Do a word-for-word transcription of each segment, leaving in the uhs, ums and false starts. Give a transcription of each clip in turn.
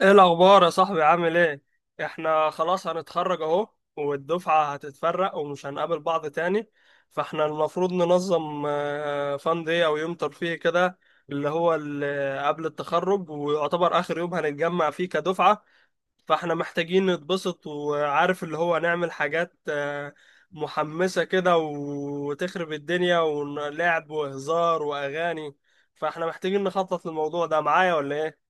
ايه الاخبار يا صاحبي؟ عامل ايه؟ احنا خلاص هنتخرج اهو، والدفعة هتتفرق ومش هنقابل بعض تاني. فاحنا المفروض ننظم فان دي او يوم ترفيهي كده، اللي هو ال- قبل التخرج ويعتبر اخر يوم هنتجمع فيه كدفعة. فاحنا محتاجين نتبسط، وعارف اللي هو نعمل حاجات آه، محمسة كده، وتخرب الدنيا ولعب وهزار واغاني. فاحنا محتاجين نخطط للموضوع ده معايا ولا ايه؟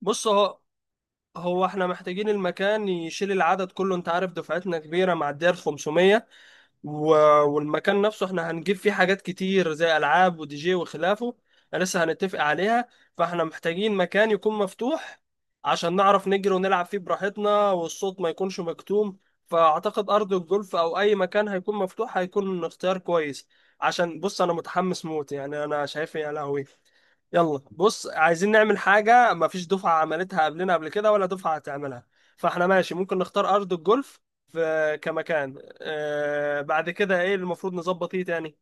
بص اهو، هو احنا محتاجين المكان يشيل العدد كله، انت عارف دفعتنا كبيرة معدية ال خمسمية. و... والمكان نفسه احنا هنجيب فيه حاجات كتير زي ألعاب ودي جي وخلافه، لسه هنتفق عليها. فاحنا محتاجين مكان يكون مفتوح عشان نعرف نجري ونلعب فيه براحتنا، والصوت ما يكونش مكتوم. فأعتقد أرض الجولف أو أي مكان هيكون مفتوح هيكون اختيار كويس. عشان بص، أنا متحمس موت، يعني أنا شايف يا لهوي، يلا بص، عايزين نعمل حاجة مفيش دفعة عملتها قبلنا قبل كده ولا دفعة هتعملها. فاحنا ماشي، ممكن نختار أرض الجولف في كمكان. آه، بعد كده ايه اللي المفروض نظبط، ايه تاني؟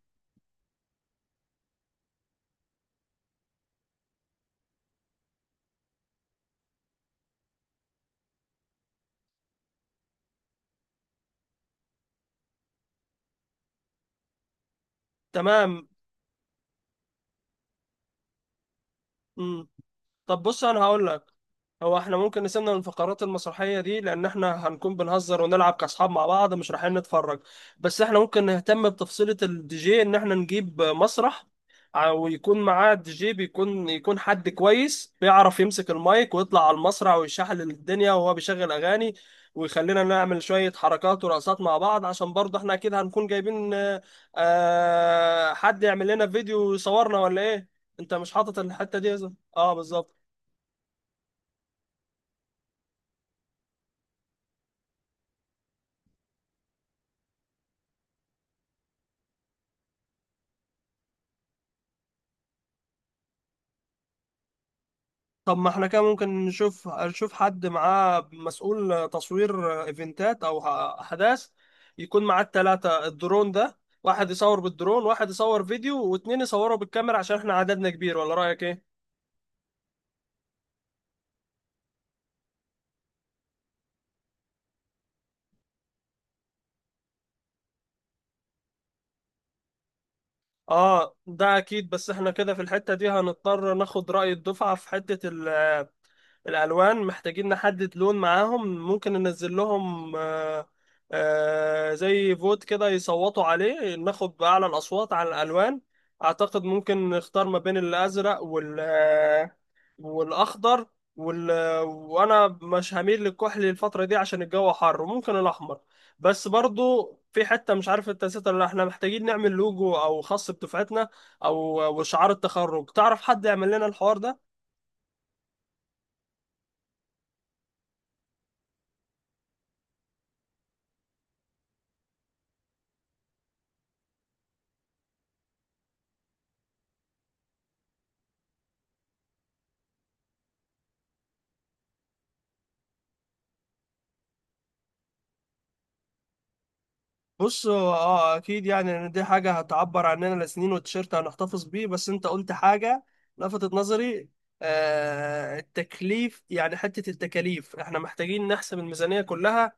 تمام. مم. طب بص انا هقول لك، هو احنا ممكن نسيبنا من الفقرات المسرحية دي، لأن احنا هنكون بنهزر ونلعب كأصحاب مع بعض، مش رايحين نتفرج. بس احنا ممكن نهتم بتفصيلة الدي جي، إن احنا نجيب مسرح ع- ويكون معاه الدي جي، بيكون يكون حد كويس بيعرف يمسك المايك ويطلع على المسرح ويشحل الدنيا وهو بيشغل أغاني، ويخلينا نعمل شوية حركات ورقصات مع بعض. عشان برضه احنا أكيد هنكون جايبين آه، آه، حد يعمل لنا فيديو يصورنا ولا إيه؟ أنت مش حاطط الحتة دي يا زلمة؟ اه بالظبط. طب ما احنا كده ممكن نشوف نشوف حد معاه مسؤول تصوير ايفنتات او احداث، يكون معاه التلاتة الدرون ده، واحد يصور بالدرون، واحد يصور فيديو، واتنين يصوروا بالكاميرا، عشان احنا عددنا كبير. ولا رأيك ايه؟ اه ده اكيد، بس احنا كده في الحتة دي هنضطر ناخد رأي الدفعة في حتة الالوان. محتاجين نحدد لون معاهم، ممكن ننزل لهم آه، آه، زي فوت كده يصوتوا عليه، ناخد باعلى الاصوات على الالوان. اعتقد ممكن نختار ما بين الازرق وال آه، والاخضر، وال آه، وانا مش هميل للكحلي الفتره دي عشان الجو حر، وممكن الاحمر. بس برضو في حته مش عارف انت نسيتها ولا لأ، احنا محتاجين نعمل لوجو او خاص بدفعتنا، او آه، وشعار التخرج. تعرف حد يعمل لنا الحوار ده؟ بص هو اه اكيد، يعني ان دي حاجه هتعبر عننا لسنين، والتيشيرت هنحتفظ بيه. بس انت قلت حاجه لفتت نظري، آه التكليف، يعني حته التكاليف احنا محتاجين نحسب الميزانيه كلها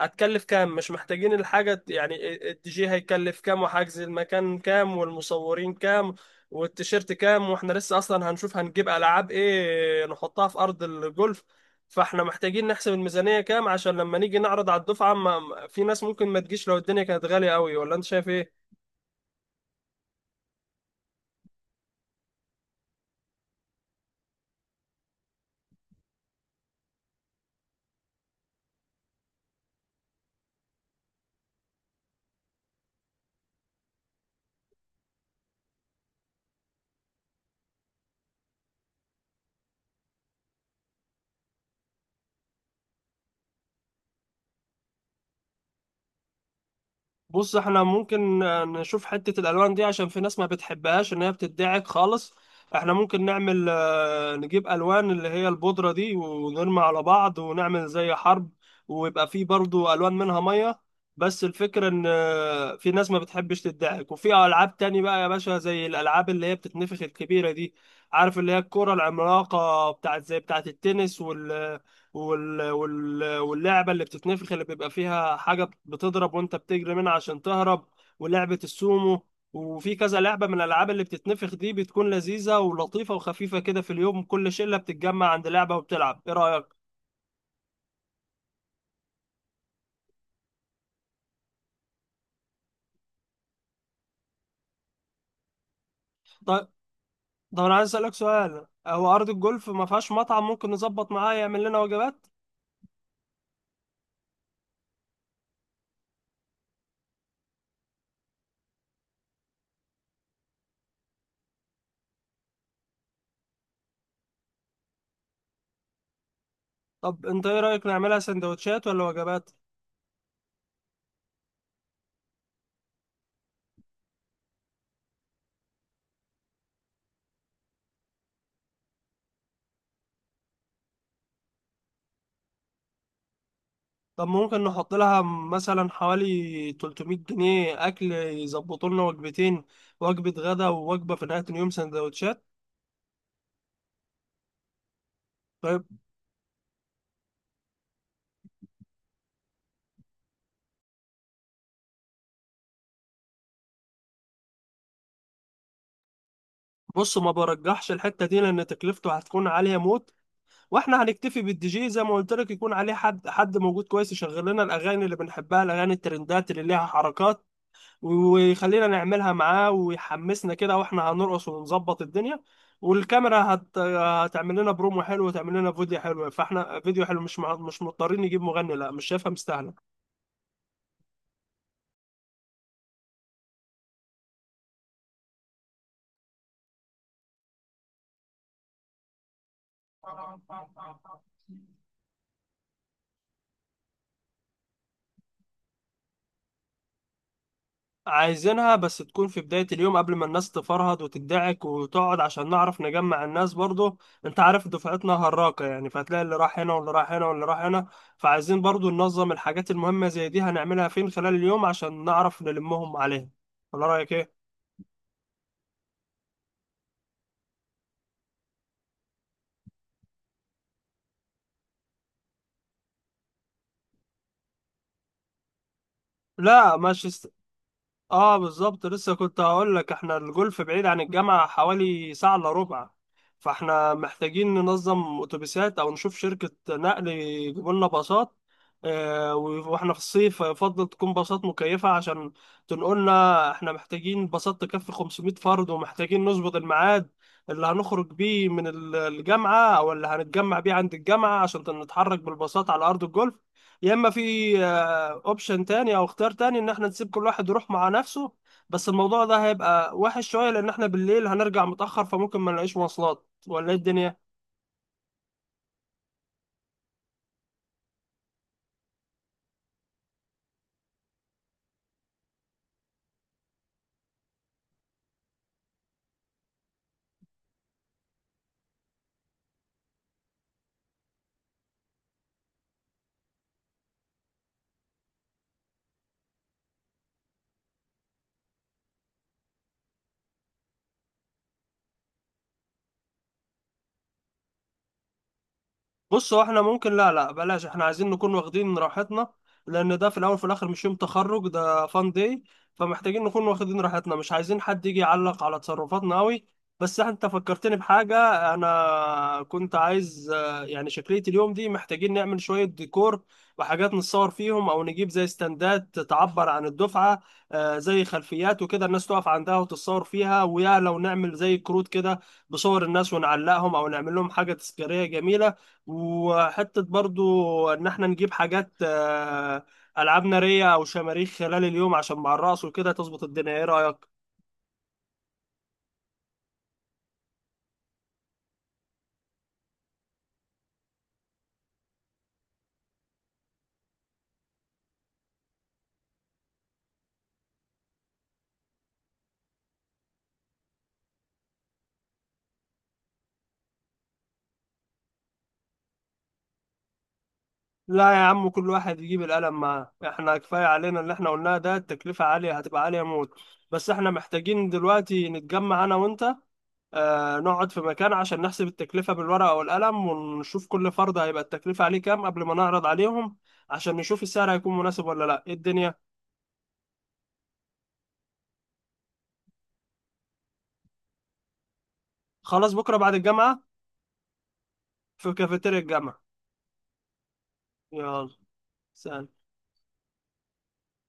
هتكلف كام. مش محتاجين الحاجة، يعني الدي جي هيكلف كام، وحجز المكان كام، والمصورين كام، والتيشيرت كام، واحنا لسه اصلا هنشوف هنجيب العاب ايه نحطها في ارض الجولف. فاحنا محتاجين نحسب الميزانية كام عشان لما نيجي نعرض على الدفعة ما في ناس ممكن ما تجيش لو الدنيا كانت غالية قوي. ولا انت شايف ايه؟ بص احنا ممكن نشوف حتة الألوان دي، عشان في ناس ما بتحبهاش إن هي بتدعك خالص. احنا ممكن نعمل آه، نجيب ألوان اللي هي البودرة دي، ونرمي على بعض ونعمل زي حرب، ويبقى فيه برضو ألوان منها مية. بس الفكرة إن آه، في ناس ما بتحبش تدعك. وفي ألعاب تاني بقى يا باشا، زي الألعاب اللي هي بتتنفخ الكبيرة دي، عارف اللي هي الكرة العملاقة بتاعت زي بتاعت التنس، وال... وال... واللعبة اللي بتتنفخ اللي بيبقى فيها حاجة بتضرب وانت بتجري منها عشان تهرب، ولعبة السومو. وفي كذا لعبة من الألعاب اللي بتتنفخ دي، بتكون لذيذة ولطيفة وخفيفة كده، في اليوم كل شلة بتتجمع عند لعبة وبتلعب. إيه رأيك؟ طيب. طب أنا عايز أسألك سؤال، هو أرض الجولف ما فيهاش مطعم ممكن نظبط معاه يعمل لنا وجبات؟ طب أنت إيه رأيك، نعملها سندوتشات ولا وجبات؟ طب ممكن نحط لها مثلا حوالي تلتمية جنيه أكل، يظبطوا لنا وجبتين، وجبة غدا ووجبة في نهاية اليوم سندوتشات. طيب. بص ما برجحش الحتة دي لأن تكلفته هتكون عالية موت. واحنا هنكتفي بالدي جي زي ما قلت لك، يكون عليه حد حد موجود كويس، يشغل لنا الأغاني اللي بنحبها، الأغاني الترندات اللي ليها حركات، ويخلينا نعملها معاه ويحمسنا كده، واحنا هنرقص ونظبط الدنيا. والكاميرا هت... هتعمل لنا برومو حلو وتعمل لنا فيديو حلو، فاحنا فيديو حلو مش مع... مش مضطرين نجيب مغني. لا مش شايفها مستاهله. عايزينها بس تكون في بداية اليوم قبل ما الناس تفرهد وتدعك وتقعد، عشان نعرف نجمع الناس برضو. انت عارف دفعتنا هراقة يعني، فهتلاقي اللي راح هنا واللي راح هنا واللي راح هنا. فعايزين برضو ننظم الحاجات المهمة زي دي هنعملها فين خلال اليوم عشان نعرف نلمهم عليها. ولا رأيك ايه؟ لا مانشستر، اه بالظبط، لسه كنت هقول لك احنا الجولف بعيد عن الجامعة حوالي ساعة الا ربع. فاحنا محتاجين ننظم اتوبيسات او نشوف شركة نقل يجيبوا لنا باصات. آه، واحنا في الصيف يفضل تكون باصات مكيفة عشان تنقلنا. احنا محتاجين باصات تكفي خمسمائة فرد، ومحتاجين نظبط الميعاد اللي هنخرج بيه من ال- الجامعة او اللي هنتجمع بيه عند الجامعة عشان نتحرك بالباصات على ارض الجولف. يا اما في اوبشن تاني او اختيار تاني ان احنا نسيب كل واحد يروح مع نفسه، بس الموضوع ده هيبقى وحش شويه لان احنا بالليل هنرجع متاخر، فممكن ما نلاقيش مواصلات ولا ايه الدنيا. بص هو احنا ممكن لا لا بلاش، احنا عايزين نكون واخدين راحتنا، لان ده في الاول وفي الاخر مش يوم تخرج، ده فان داي. فمحتاجين نكون واخدين راحتنا، مش عايزين حد يجي يعلق على تصرفاتنا قوي. بس احنا- انت فكرتني بحاجة، انا كنت عايز آه، يعني شكلية اليوم دي محتاجين نعمل شوية ديكور، وحاجات نتصور فيهم، او نجيب زي استندات تعبر عن الدفعة، آه، زي خلفيات وكده الناس تقف عندها وتتصور فيها. ويا لو نعمل زي كروت كده بصور الناس ونعلقهم، او نعمل لهم حاجة تذكارية جميلة. وحتة برضو إن إحنا نجيب حاجات آه، ألعاب نارية أو شماريخ خلال اليوم، عشان مع الرقص وكده تظبط الدنيا. إيه رأيك؟ لا يا عم، كل واحد يجيب القلم معاه، إحنا كفاية علينا اللي إحنا قلناه ده، التكلفة عالية، هتبقى عالية موت. بس إحنا محتاجين دلوقتي نتجمع أنا وأنت، آه، نقعد في مكان عشان نحسب التكلفة بالورقة والقلم، ونشوف كل فرد هيبقى التكلفة عليه كام قبل ما نعرض عليهم، عشان نشوف السعر هيكون مناسب ولا لأ إيه الدنيا؟ خلاص بكرة بعد الجامعة، في كافيتيريا الجامعة. يلا سلام.